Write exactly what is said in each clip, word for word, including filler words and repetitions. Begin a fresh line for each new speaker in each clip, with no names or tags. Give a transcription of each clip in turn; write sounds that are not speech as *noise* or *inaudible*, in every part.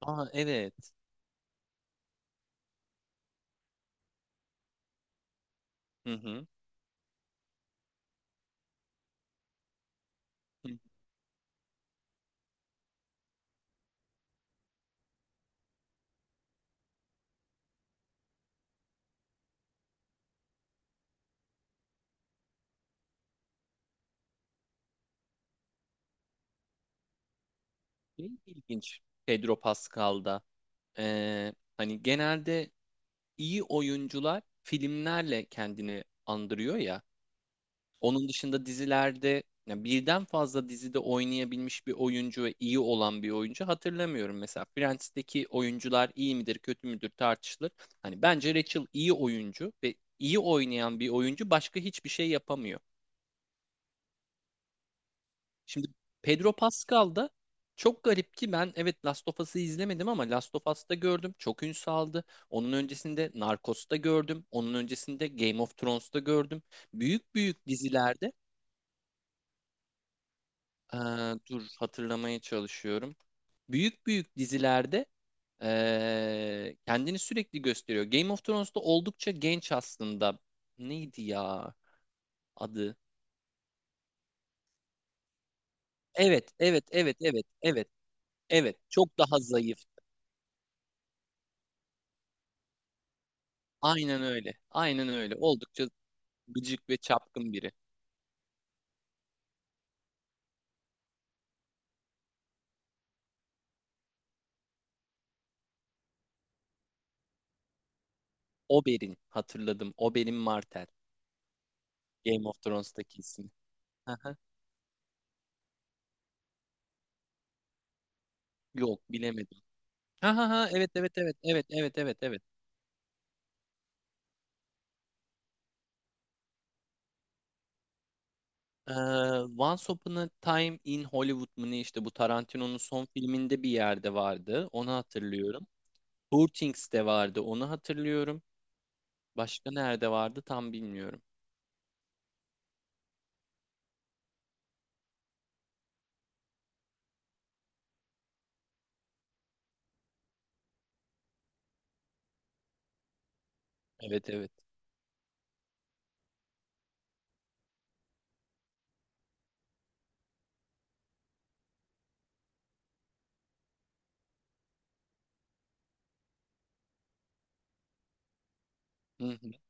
Aa, evet. Hı hı. Hı. Şey, ilginç Pedro Pascal'da. Ee, hani genelde iyi oyuncular filmlerle kendini andırıyor ya. Onun dışında dizilerde ya birden fazla dizide oynayabilmiş bir oyuncu ve iyi olan bir oyuncu hatırlamıyorum. Mesela Friends'teki oyuncular iyi midir kötü müdür tartışılır. Hani bence Rachel iyi oyuncu ve iyi oynayan bir oyuncu başka hiçbir şey yapamıyor. Şimdi Pedro Pascal da çok garip ki ben, evet, Last of Us'ı izlemedim ama Last of Us'ta gördüm. Çok ün saldı. Onun öncesinde Narcos'ta gördüm. Onun öncesinde Game of Thrones'ta gördüm. Büyük büyük dizilerde. Ee, Dur hatırlamaya çalışıyorum. Büyük büyük dizilerde ee, kendini sürekli gösteriyor. Game of Thrones'ta oldukça genç aslında. Neydi ya adı? Evet, evet, evet, evet, evet, evet. Çok daha zayıf. Aynen öyle. Aynen öyle. Oldukça gıcık ve çapkın biri. Oberyn, hatırladım. Oberyn Martell. Game of Thrones'taki isim. Aha. Yok, bilemedim. Ha ha ha, evet evet evet evet evet evet evet. Ee, Once Upon a Time in Hollywood mu ne, işte bu Tarantino'nun son filminde bir yerde vardı. Onu hatırlıyorum. Poor Things'te vardı. Onu hatırlıyorum. Başka nerede vardı tam bilmiyorum. Evet evet. Hı hı. *laughs*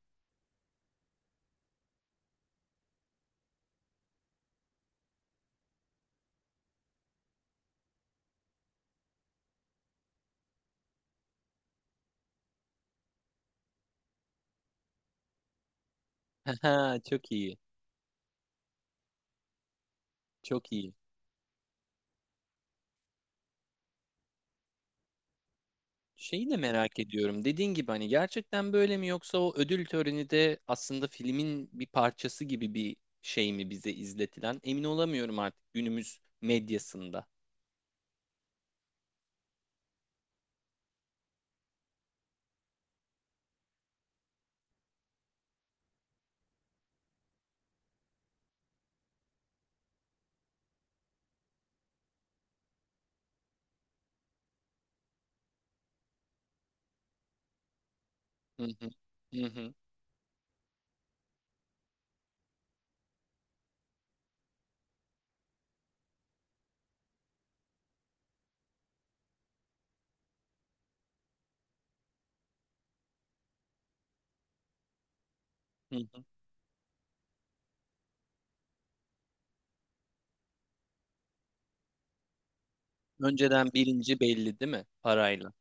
Ha, ha, çok iyi. Çok iyi. Şeyi de merak ediyorum. Dediğin gibi hani gerçekten böyle mi, yoksa o ödül töreni de aslında filmin bir parçası gibi bir şey mi bize izletilen? Emin olamıyorum artık günümüz medyasında. Hı hı, hı hı, hı hı. Önceden birinci belli değil mi? Parayla.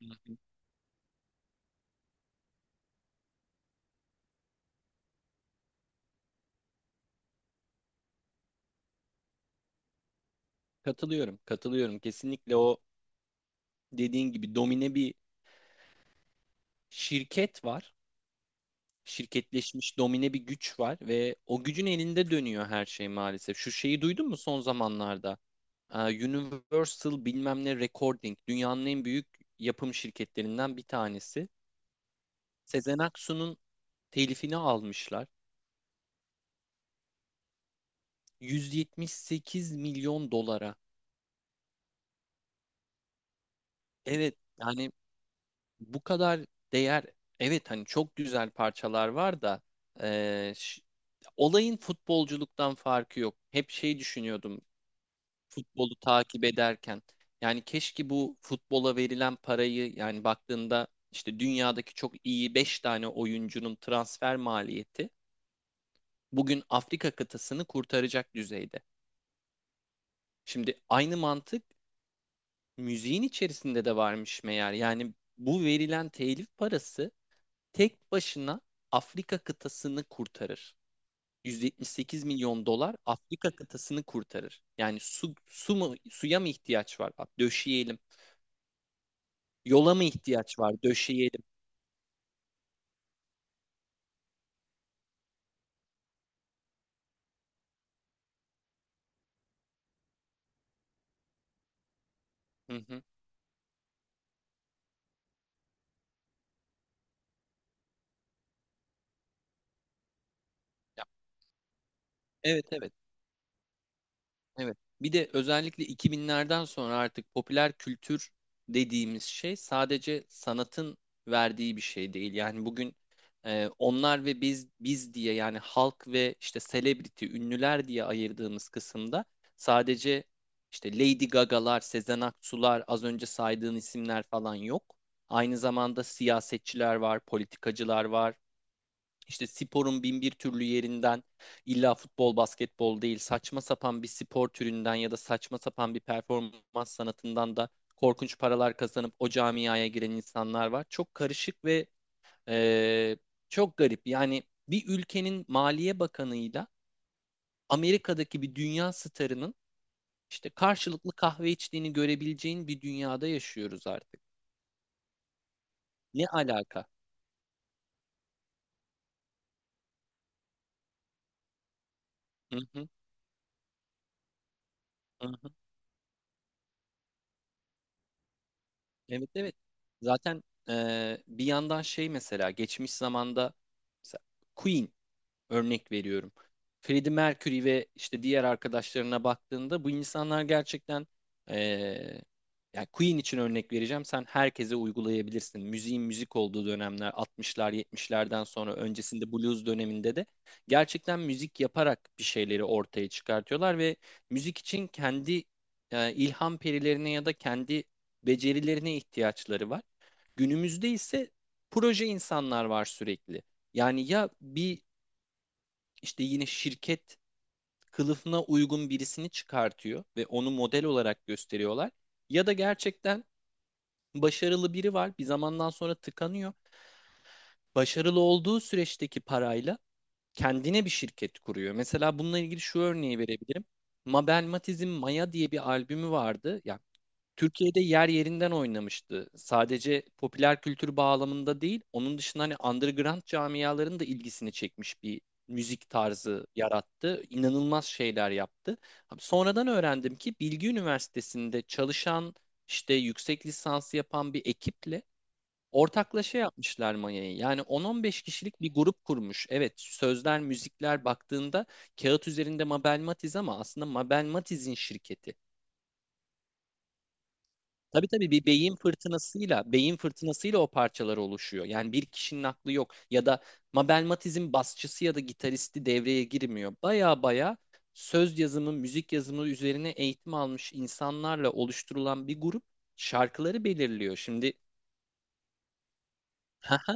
Hı hı. Katılıyorum, katılıyorum. Kesinlikle o dediğin gibi domine bir şirket var. Şirketleşmiş domine bir güç var ve o gücün elinde dönüyor her şey maalesef. Şu şeyi duydun mu son zamanlarda? Ee, Universal bilmem ne Recording dünyanın en büyük yapım şirketlerinden bir tanesi. Sezen Aksu'nun telifini almışlar. yüz yetmiş sekiz milyon dolara. Evet yani bu kadar değer, evet hani çok güzel parçalar var da e, ş- olayın futbolculuktan farkı yok. Hep şey düşünüyordum futbolu takip ederken. Yani keşke bu futbola verilen parayı, yani baktığında işte dünyadaki çok iyi beş tane oyuncunun transfer maliyeti bugün Afrika kıtasını kurtaracak düzeyde. Şimdi aynı mantık müziğin içerisinde de varmış meğer. Yani bu verilen telif parası tek başına Afrika kıtasını kurtarır. yüz yetmiş sekiz milyon dolar Afrika kıtasını kurtarır. Yani su, su mu, suya mı ihtiyaç var? Bak, döşeyelim. Yola mı ihtiyaç var? Döşeyelim. Hı hı. Ya, evet evet evet. Bir de özellikle iki binlerden sonra artık popüler kültür dediğimiz şey sadece sanatın verdiği bir şey değil. Yani bugün e, onlar ve biz biz diye, yani halk ve işte celebrity, ünlüler diye ayırdığımız kısımda sadece işte Lady Gaga'lar, Sezen Aksu'lar, az önce saydığın isimler falan yok. Aynı zamanda siyasetçiler var, politikacılar var, İşte sporun bin bir türlü yerinden, illa futbol, basketbol değil, saçma sapan bir spor türünden ya da saçma sapan bir performans sanatından da korkunç paralar kazanıp o camiaya giren insanlar var. Çok karışık ve eee, çok garip. Yani bir ülkenin maliye bakanıyla Amerika'daki bir dünya starının işte karşılıklı kahve içtiğini görebileceğin bir dünyada yaşıyoruz artık. Ne alaka? Hı hı, hı. Evet evet. Zaten e, bir yandan şey, mesela geçmiş zamanda, mesela Queen. Örnek veriyorum. Freddie Mercury ve işte diğer arkadaşlarına baktığında bu insanlar gerçekten eee yani Queen için örnek vereceğim. Sen herkese uygulayabilirsin. Müziğin müzik olduğu dönemler altmışlar, yetmişlerden sonra, öncesinde blues döneminde de gerçekten müzik yaparak bir şeyleri ortaya çıkartıyorlar ve müzik için kendi e, ilham perilerine ya da kendi becerilerine ihtiyaçları var. Günümüzde ise proje insanlar var sürekli. Yani ya bir, işte yine şirket kılıfına uygun birisini çıkartıyor ve onu model olarak gösteriyorlar. Ya da gerçekten başarılı biri var, bir zamandan sonra tıkanıyor. Başarılı olduğu süreçteki parayla kendine bir şirket kuruyor. Mesela bununla ilgili şu örneği verebilirim. Mabel Matiz'in Maya diye bir albümü vardı. Ya Türkiye'de yer yerinden oynamıştı. Sadece popüler kültür bağlamında değil, onun dışında hani underground camiaların da ilgisini çekmiş bir müzik tarzı yarattı. İnanılmaz şeyler yaptı. Abi, sonradan öğrendim ki Bilgi Üniversitesi'nde çalışan, işte yüksek lisansı yapan bir ekiple ortaklaşa yapmışlar Maya'yı. Yani on on beş kişilik bir grup kurmuş. Evet, sözler, müzikler baktığında kağıt üzerinde Mabel Matiz ama aslında Mabel Matiz'in şirketi. Tabii tabii, bir beyin fırtınasıyla, beyin fırtınasıyla o parçalar oluşuyor. Yani bir kişinin aklı yok ya da Mabel Matiz'in basçısı ya da gitaristi devreye girmiyor. Baya baya söz yazımı, müzik yazımı üzerine eğitim almış insanlarla oluşturulan bir grup şarkıları belirliyor. Şimdi haha,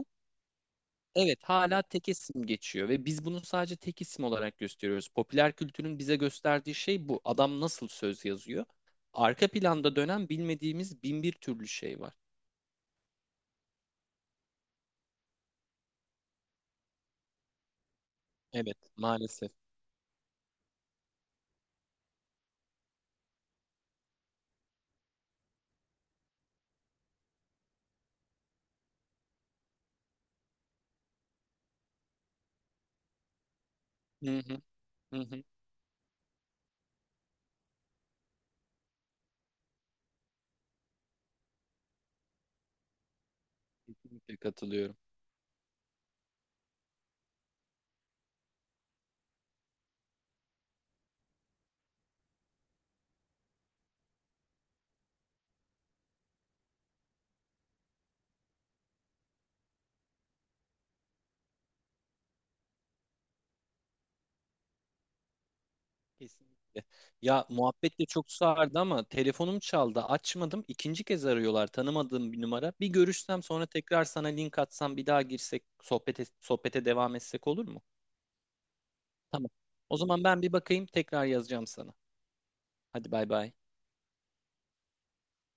evet hala tek isim geçiyor ve biz bunu sadece tek isim olarak gösteriyoruz. Popüler kültürün bize gösterdiği şey bu. Adam nasıl söz yazıyor? Arka planda dönen bilmediğimiz bin bir türlü şey var. Evet, maalesef. Hı hı, hı hı. Kesinlikle katılıyorum. Kesinlikle. Ya, muhabbet de çok sardı ama telefonum çaldı. Açmadım. İkinci kez arıyorlar. Tanımadığım bir numara. Bir görüşsem, sonra tekrar sana link atsam, bir daha girsek sohbete, sohbete devam etsek olur mu? Tamam. O zaman ben bir bakayım, tekrar yazacağım sana. Hadi bay bay.